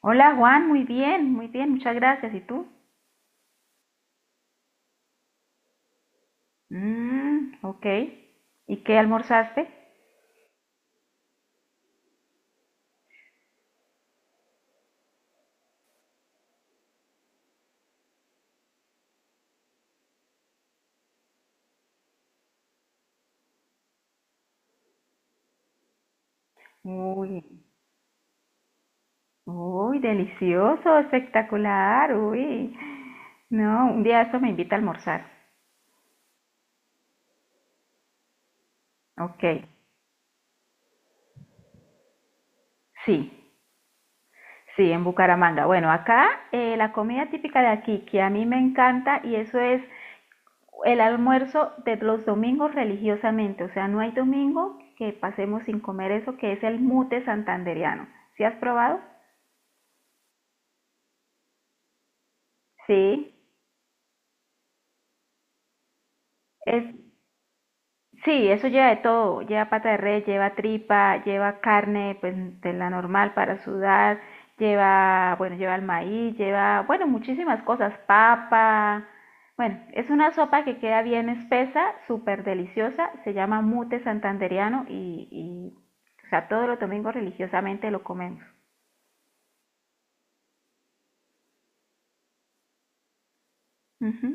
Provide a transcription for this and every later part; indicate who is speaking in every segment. Speaker 1: Hola Juan, muy bien, muchas gracias. ¿Y tú? Mmm, ok. ¿Y qué almorzaste? Uy, uy, delicioso, espectacular, uy. No, un día esto me invita a almorzar. Ok, sí, sí, en Bucaramanga. Bueno, acá la comida típica de aquí, que a mí me encanta, y eso es el almuerzo de los domingos religiosamente. O sea, no hay domingo que pasemos sin comer eso, que es el mute santandereano. ¿Sí has probado? Sí. Es, sí, eso lleva de todo, lleva pata de res, lleva tripa, lleva carne pues, de la normal para sudar, lleva, bueno, lleva el maíz, lleva, bueno, muchísimas cosas, papa. Bueno, es una sopa que queda bien espesa, súper deliciosa, se llama mute santandereano o sea, todos los domingos religiosamente lo comemos. Ujú.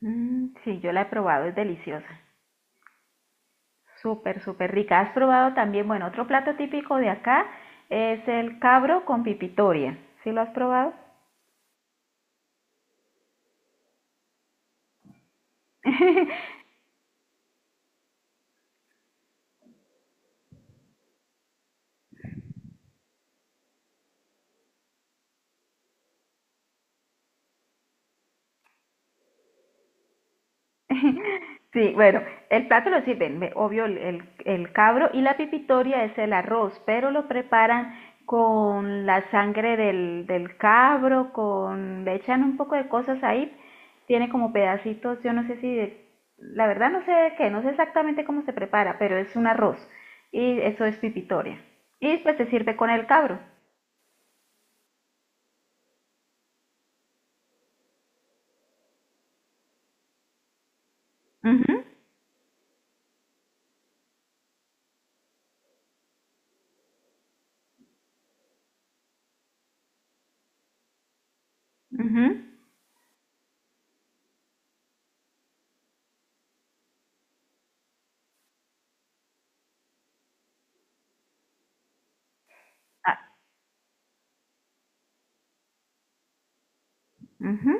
Speaker 1: Mm, sí, yo la he probado, es deliciosa. Súper, súper rica. ¿Has probado también, bueno, otro plato típico de acá es el cabro con pipitoria? ¿Sí lo has probado? Sí, bueno, el plato lo sirven, obvio, el cabro y la pipitoria es el arroz, pero lo preparan con la sangre del cabro, con, le echan un poco de cosas ahí, tiene como pedacitos, yo no sé si, la verdad no sé de qué, no sé exactamente cómo se prepara, pero es un arroz y eso es pipitoria. Y pues se sirve con el cabro. Ujú, ujú. Ah, ujú.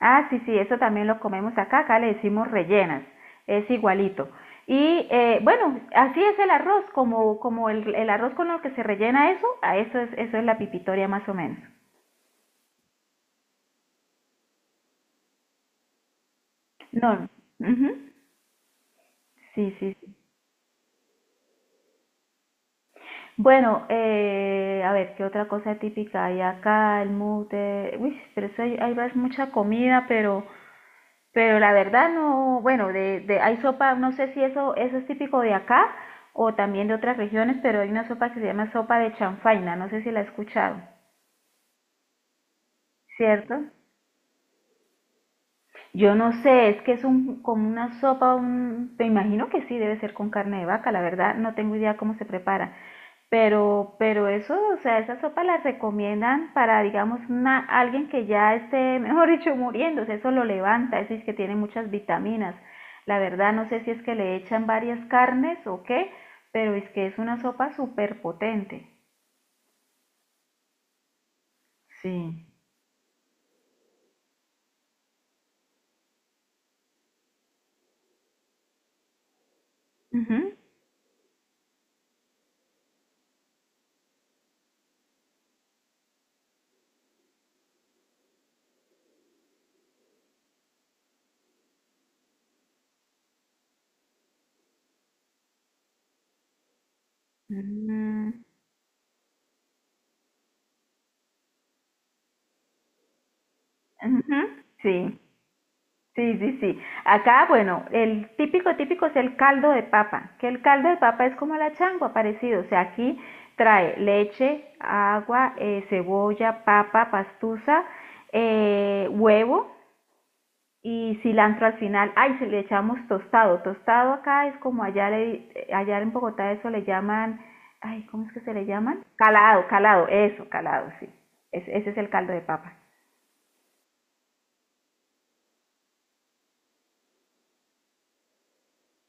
Speaker 1: Ah, sí, sí, eso también lo comemos acá, acá le decimos rellenas, es igualito. Y bueno, así es el arroz, como, como el arroz con lo que se rellena eso, a eso es la pipitoria más o menos. No, ujú, sí, sí, sí. Bueno, a ver, ¿qué otra cosa típica hay acá? El mute, uy, pero eso hay, mucha comida, pero la verdad no, bueno, hay sopa, no sé si eso, eso es típico de acá o también de otras regiones, pero hay una sopa que se llama sopa de chanfaina, no sé si la he escuchado, ¿cierto? Yo no sé, es que es un, como una sopa, un, me imagino que sí, debe ser con carne de vaca, la verdad, no tengo idea cómo se prepara. Pero eso, o sea, esa sopa la recomiendan para, digamos, una, alguien que ya esté, mejor dicho, muriéndose, eso lo levanta, eso es que tiene muchas vitaminas. La verdad, no sé si es que le echan varias carnes o qué, pero es que es una sopa súper potente. Sí. Ujú. Mm, ujú, sí. Sí, sí, sí. Acá, bueno, el típico, típico es el caldo de papa, que el caldo de papa es como la changua, parecido. O sea, aquí trae leche, agua, cebolla, papa, pastusa, huevo y cilantro al final. Ay, se le echamos tostado. Tostado acá es como allá, le, allá en Bogotá eso le llaman, ay, ¿cómo es que se le llaman? Calado, calado, eso, calado, sí. Ese es el caldo de papa.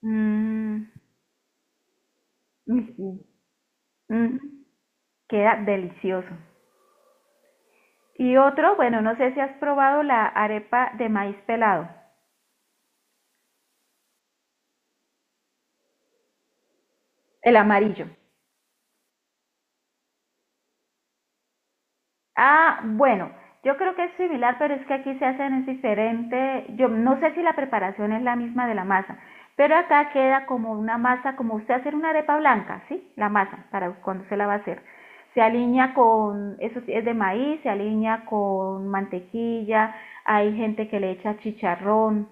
Speaker 1: Mm, ujú, ujú. Queda delicioso. Y otro, bueno, no sé si has probado la arepa de maíz pelado, el amarillo. Ah, bueno, yo creo que es similar, pero es que aquí se hacen es diferente. Yo no sé si la preparación es la misma de la masa, pero acá queda como una masa, como usted hacer una arepa blanca, ¿sí? La masa, para cuando se la va a hacer. Se alinea con, eso sí, es de maíz, se alinea con mantequilla, hay gente que le echa chicharrón,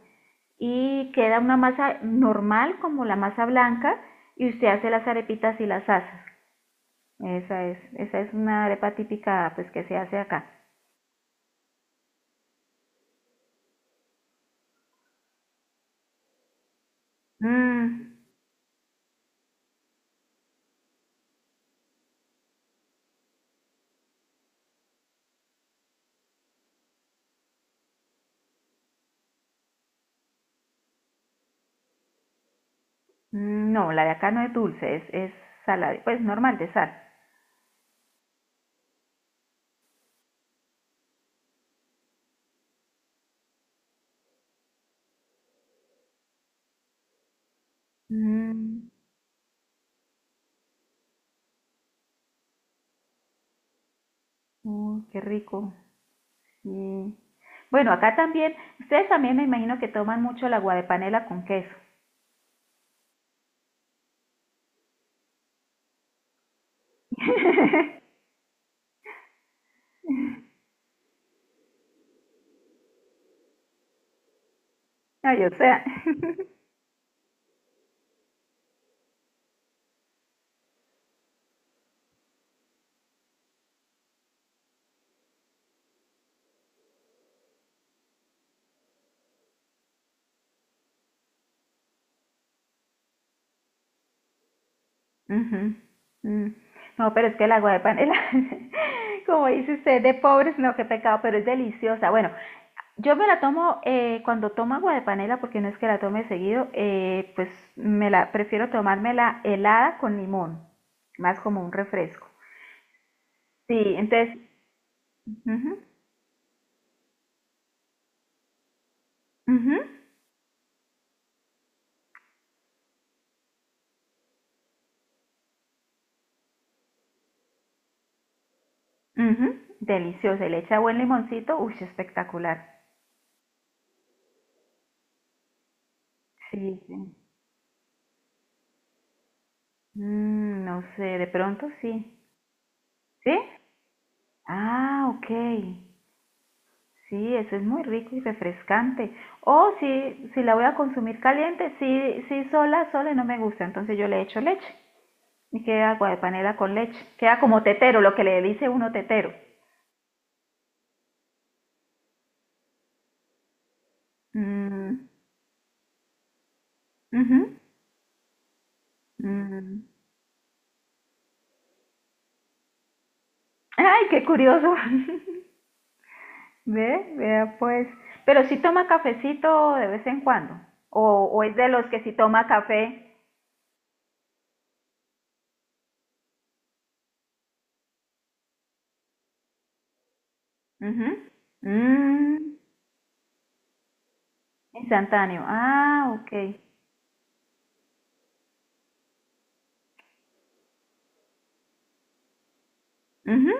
Speaker 1: y queda una masa normal como la masa blanca y usted hace las arepitas y las asa. Esa es una arepa típica pues que se hace acá. Mm, mm, no, la de acá no es dulce, es salada, pues normal de sal. Mm, uy, qué rico. Sí. Bueno, acá también, ustedes también me imagino que toman mucho el agua de panela con queso. Ay, o sea, ujú, mm. No, pero es que el agua de panela, como dice usted, de pobres, no, qué pecado, pero es deliciosa. Bueno, yo me la tomo cuando tomo agua de panela, porque no es que la tome seguido, pues me la prefiero tomármela helada con limón, más como un refresco. Sí, entonces, ujú, ujú, ujú, deliciosa, y le echa buen limoncito, uy, espectacular. Sí, sí. Mm, no sé, de pronto sí. ¿Sí? Ah, ok. Sí, eso es muy rico y refrescante. O si, si la voy a consumir caliente, sí, sí, sola, sola no me gusta, entonces yo le echo leche y queda agua de panela con leche. Queda como tetero, lo que le dice uno tetero. Mm, ujú, mm. Ay, qué curioso. Ve, vea pues. Pero sí toma cafecito de vez en cuando. O es de los que sí toma café. Ujú. Mm, instantáneo. Ah, ok. Ujú.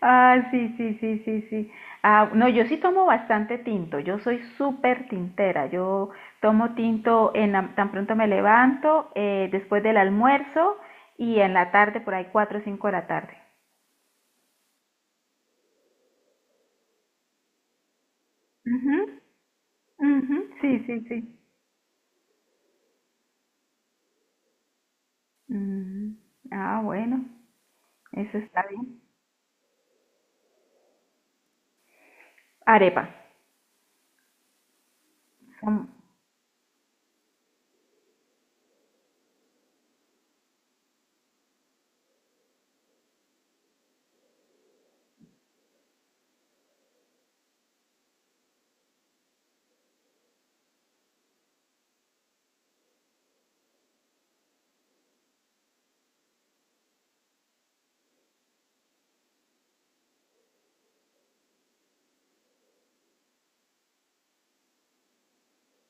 Speaker 1: Ah, sí, sí, sí, sí, sí. Ah, no, yo sí tomo bastante tinto. Yo soy súper tintera. Yo tomo tinto en tan pronto me levanto, después del almuerzo y en la tarde, por ahí cuatro o cinco de la tarde. Ujú, ujú, sí, sí, sí. Mm, ah, bueno, eso está bien. Arepa. Son-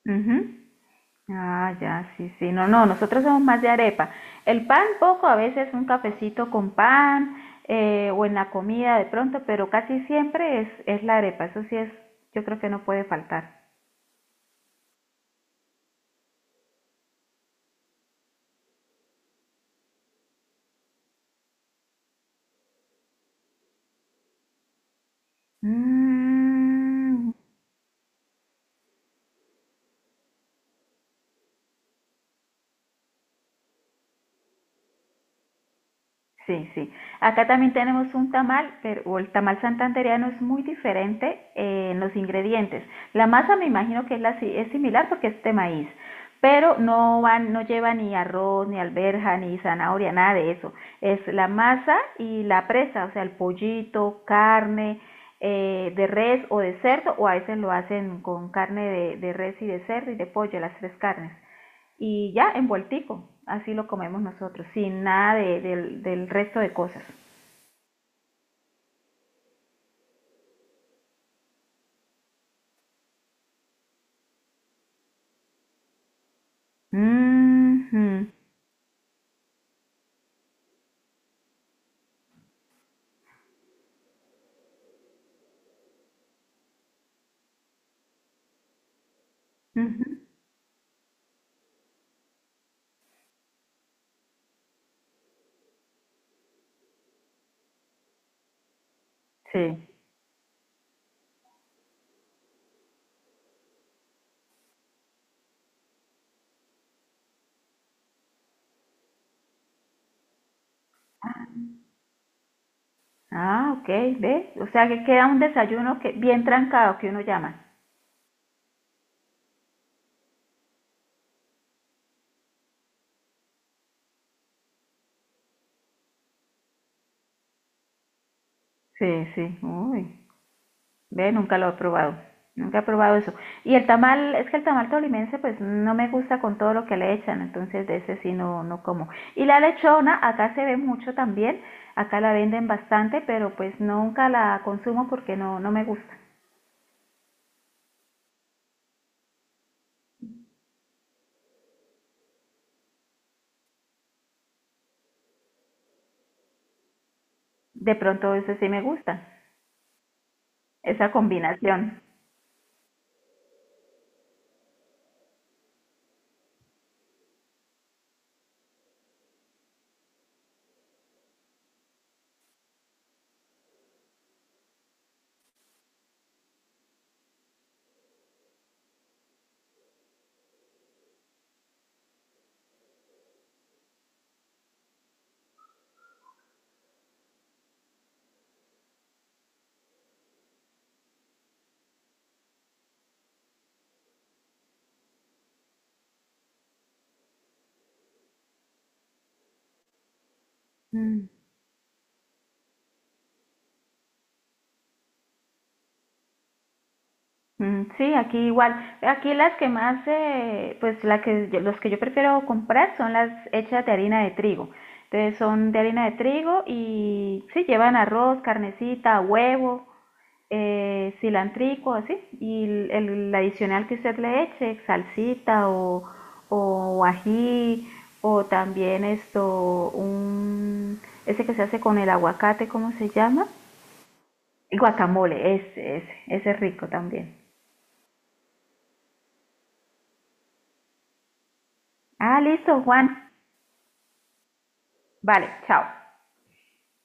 Speaker 1: Ujú. Ah, ya, sí, sí. No, no, nosotros somos más de arepa. El pan poco, a veces un cafecito con pan o en la comida de pronto, pero casi siempre es la arepa. Eso sí es, yo creo que no puede faltar. Mm, sí, sí. Acá también tenemos un tamal, pero o el tamal santandereano es muy diferente en los ingredientes. La masa me imagino que es, la, es similar porque es de maíz, pero no van, no lleva ni arroz, ni alberja, ni zanahoria, nada de eso. Es la masa y la presa, o sea, el pollito, carne de res o de cerdo, o a veces lo hacen con carne de res y de cerdo y de pollo, las tres carnes y ya envueltico. Así lo comemos nosotros, sin nada de- del, del resto de cosas. Mhm, mhm, sí. Ah, ok, ve. O sea que queda un desayuno que bien trancado que uno llama. Sí, sí. Uy, ve, nunca lo he probado. Nunca he probado eso. Y el tamal, es que el tamal tolimense pues no me gusta con todo lo que le echan, entonces de ese sí no, no como. Y la lechona, acá se ve mucho también, acá la venden bastante, pero pues nunca la consumo porque no, no me gusta. De pronto eso sí me gusta, esa combinación. Mm. Mm, sí, aquí igual. Aquí las que más, pues la que, los que yo prefiero comprar son las hechas de harina de trigo. Entonces son de harina de trigo y sí, llevan arroz, carnecita, huevo, cilantrico, así. Y el adicional que usted le eche, salsita o ají, o también esto, un, ese que se hace con el aguacate, ¿cómo se llama? El Guacamole, ese es rico también. Ah, listo, Juan. Vale, chao.